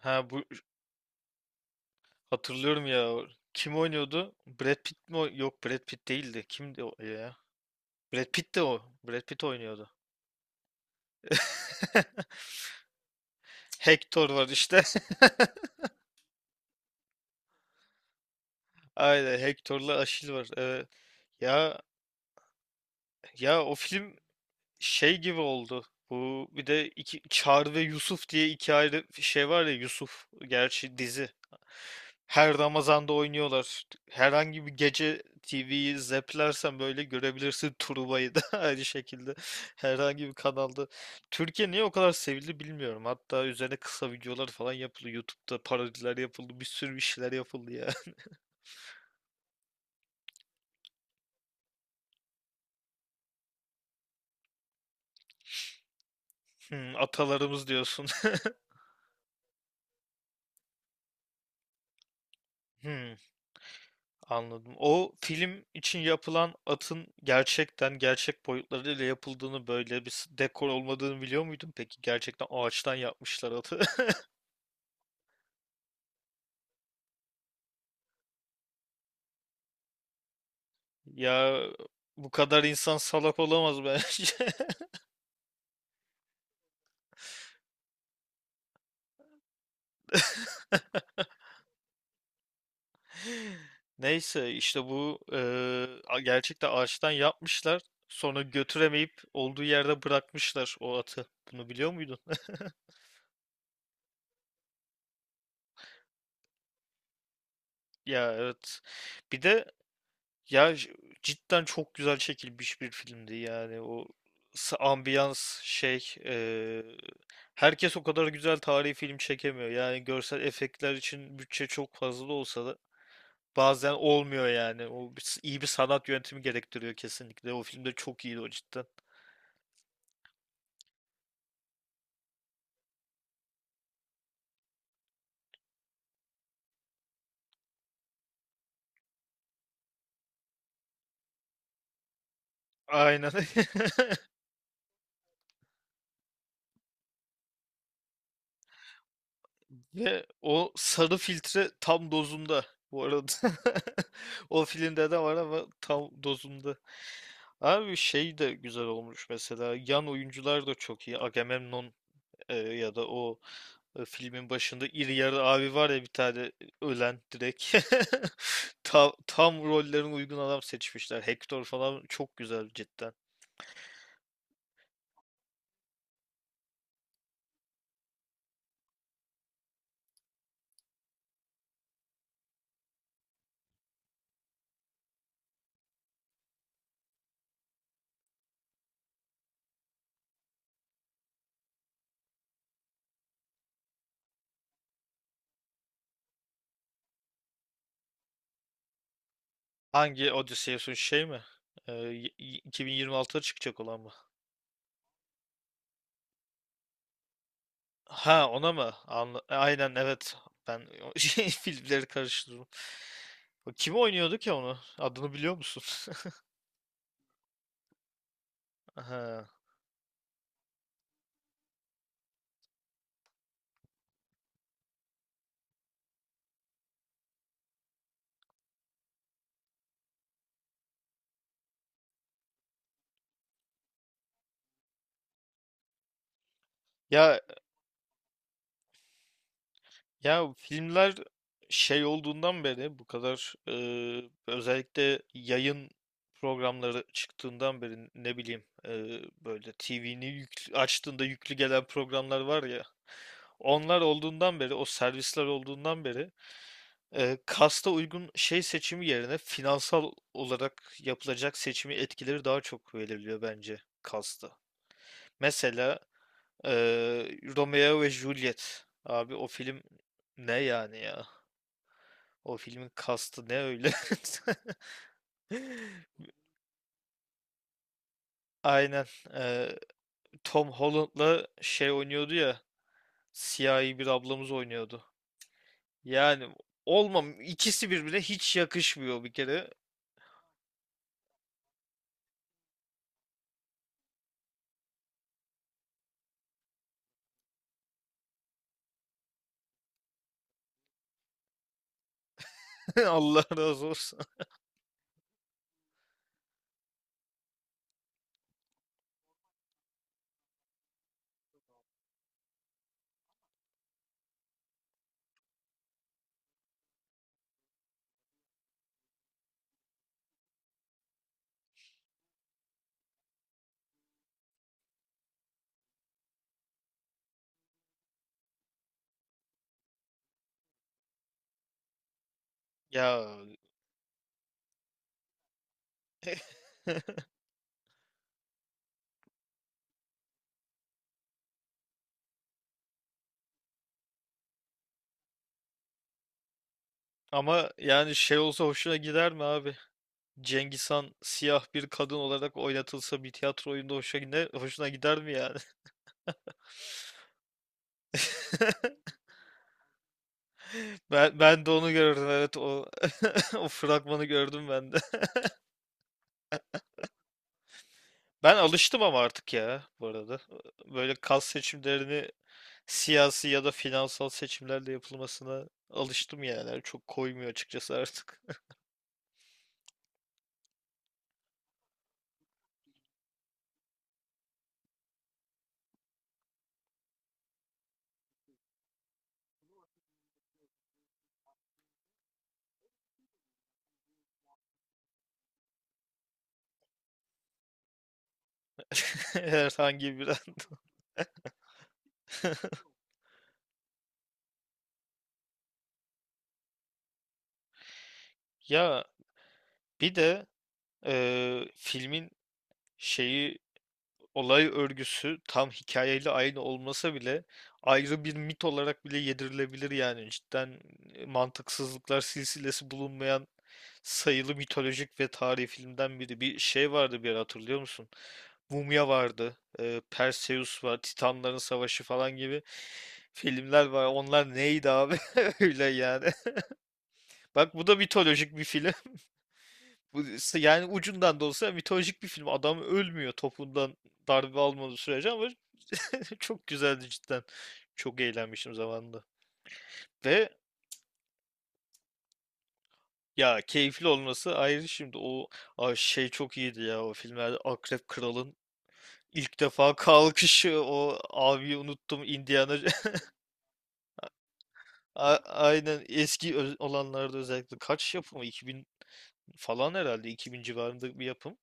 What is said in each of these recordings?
Ha, bu hatırlıyorum ya. Kim oynuyordu? Brad Pitt mi? Yok, Brad Pitt değildi. Kimdi o ya? Brad Pitt de o. Brad Pitt oynuyordu. Hector var işte. Aynen, Hector'la Achille var. Evet. Ya ya o film şey gibi oldu. Bu bir de iki, Çağrı ve Yusuf diye iki ayrı şey var ya, Yusuf gerçi dizi. Her Ramazan'da oynuyorlar. Herhangi bir gece TV'yi zeplersen böyle görebilirsin Truva'yı da, aynı şekilde. Herhangi bir kanalda. Türkiye niye o kadar sevildi bilmiyorum. Hatta üzerine kısa videolar falan yapıldı. YouTube'da parodiler yapıldı. Bir sürü bir şeyler yapıldı ya. Hmm, atalarımız diyorsun. Hmm. Anladım. O film için yapılan atın gerçekten gerçek boyutlarıyla yapıldığını, böyle bir dekor olmadığını biliyor muydun peki? Gerçekten ağaçtan yapmışlar atı. Ya, bu kadar insan salak olamaz bence. Neyse işte bu gerçekten ağaçtan yapmışlar. Sonra götüremeyip olduğu yerde bırakmışlar o atı. Bunu biliyor muydun? Ya, evet. Bir de Ya j- cidden çok güzel çekilmiş bir filmdi yani. O ambiyans şey, herkes o kadar güzel tarihi film çekemiyor yani. Görsel efektler için bütçe çok fazla da olsa da bazen olmuyor yani. O bir iyi bir sanat yönetimi gerektiriyor kesinlikle, o filmde çok iyiydi o cidden. Aynen. Ve o sarı filtre tam dozunda bu arada. O filmde de var ama tam dozunda. Abi şey de güzel olmuş mesela. Yan oyuncular da çok iyi. Agamemnon, ya da o, filmin başında iri yarı abi var ya bir tane, ölen direkt. Tam rollerin uygun adam seçmişler. Hector falan çok güzel cidden. Hangi Odysseus'un, şey mi? 2026'da çıkacak olan mı? Ha, ona mı? Anla aynen, evet. Ben o şey, filmleri karıştırdım. O kim oynuyordu ki onu? Adını biliyor musun? Ha. Ya ya filmler şey olduğundan beri bu kadar, özellikle yayın programları çıktığından beri, ne bileyim, böyle TV'ni yüklü, açtığında yüklü gelen programlar var ya. Onlar olduğundan beri, o servisler olduğundan beri, kasta uygun şey seçimi yerine finansal olarak yapılacak seçimi etkileri daha çok belirliyor bence kasta. Mesela Romeo ve Juliet. Abi o film ne yani ya? O filmin kastı ne öyle? Aynen. eee, Tom Holland'la şey oynuyordu ya. Siyahi bir ablamız oynuyordu. Yani olmam. İkisi birbirine hiç yakışmıyor bir kere. Allah razı olsun. Ya. Ama yani şey olsa hoşuna gider mi abi? Cengiz Han siyah bir kadın olarak oynatılsa bir tiyatro oyunda hoşuna gider, hoşuna gider mi yani? Ben de onu gördüm, evet. O o fragmanı gördüm ben de. Ben alıştım ama artık ya, bu arada. Böyle kas seçimlerini siyasi ya da finansal seçimlerle yapılmasına alıştım yani. Çok koymuyor açıkçası artık. Herhangi bir anda. Ya, bir de filmin şeyi, olay örgüsü tam hikayeyle aynı olmasa bile ayrı bir mit olarak bile yedirilebilir yani. Cidden mantıksızlıklar silsilesi bulunmayan sayılı mitolojik ve tarihi filmden biri. Bir şey vardı bir ara, hatırlıyor musun? Mumya vardı, Perseus var, Titanların Savaşı falan gibi filmler var. Onlar neydi abi? Öyle yani. Bak, bu da mitolojik bir film. Bu, yani ucundan da olsa mitolojik bir film. Adam ölmüyor topundan darbe almadığı sürece, ama çok güzeldi cidden. Çok eğlenmişim zamanında. Ve ya keyifli olması ayrı şimdi. O ay şey çok iyiydi ya, o filmlerde Akrep Kral'ın ilk defa kalkışı, o abiyi unuttum, Indiana. Aynen, eski olanlarda özellikle. Kaç yapımı, 2000 falan herhalde, 2000 civarında bir yapım.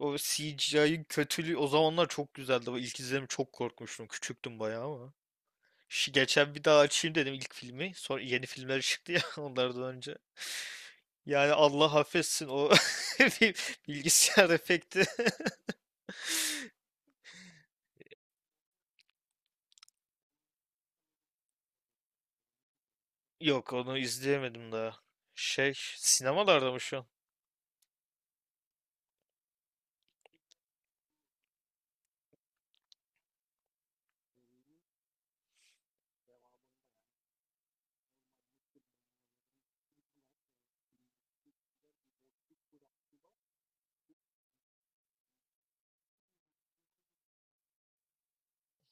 O CGI'ın kötülüğü o zamanlar çok güzeldi. O ilk izlediğim çok korkmuştum. Küçüktüm bayağı ama. Şu geçen bir daha açayım dedim ilk filmi. Sonra yeni filmler çıktı ya, onlardan önce. Yani Allah affetsin o bir bilgisayar efekti. Yok, onu izleyemedim daha. Şey, sinemalarda mı şu an?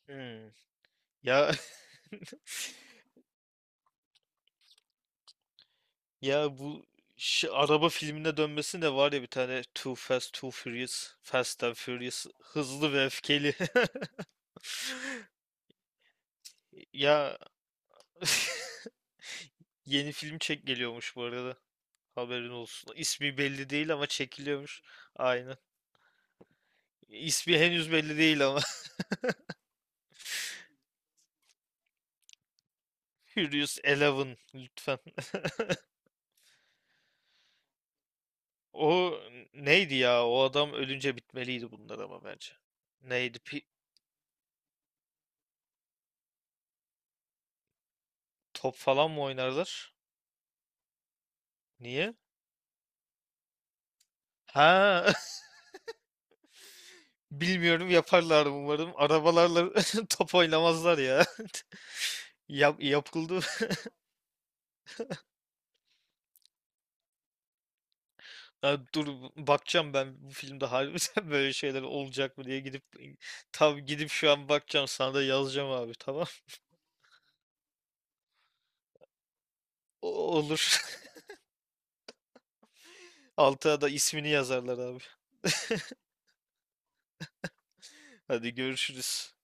Hmm. Ya ya bu, şu araba filmine dönmesi de var ya bir tane, Too Fast Too Furious, Fast and Furious, hızlı ve öfkeli. Ya, yeni film çek geliyormuş bu arada. Haberin olsun. İsmi belli değil ama çekiliyormuş. Aynen. İsmi henüz belli değil ama. Furious Eleven lütfen. O neydi ya? O adam ölünce bitmeliydi bunlar ama bence. Neydi? Top falan mı oynarlar? Niye? Ha, bilmiyorum, yaparlar umarım. Arabalarla top oynamazlar ya. Yap, yapıldı. Ha, dur bakacağım ben bu filmde harbiden böyle şeyler olacak mı diye, gidip tam gidip şu an bakacağım, sana da yazacağım abi, tamam. Olur. Altına da ismini yazarlar abi. Hadi görüşürüz.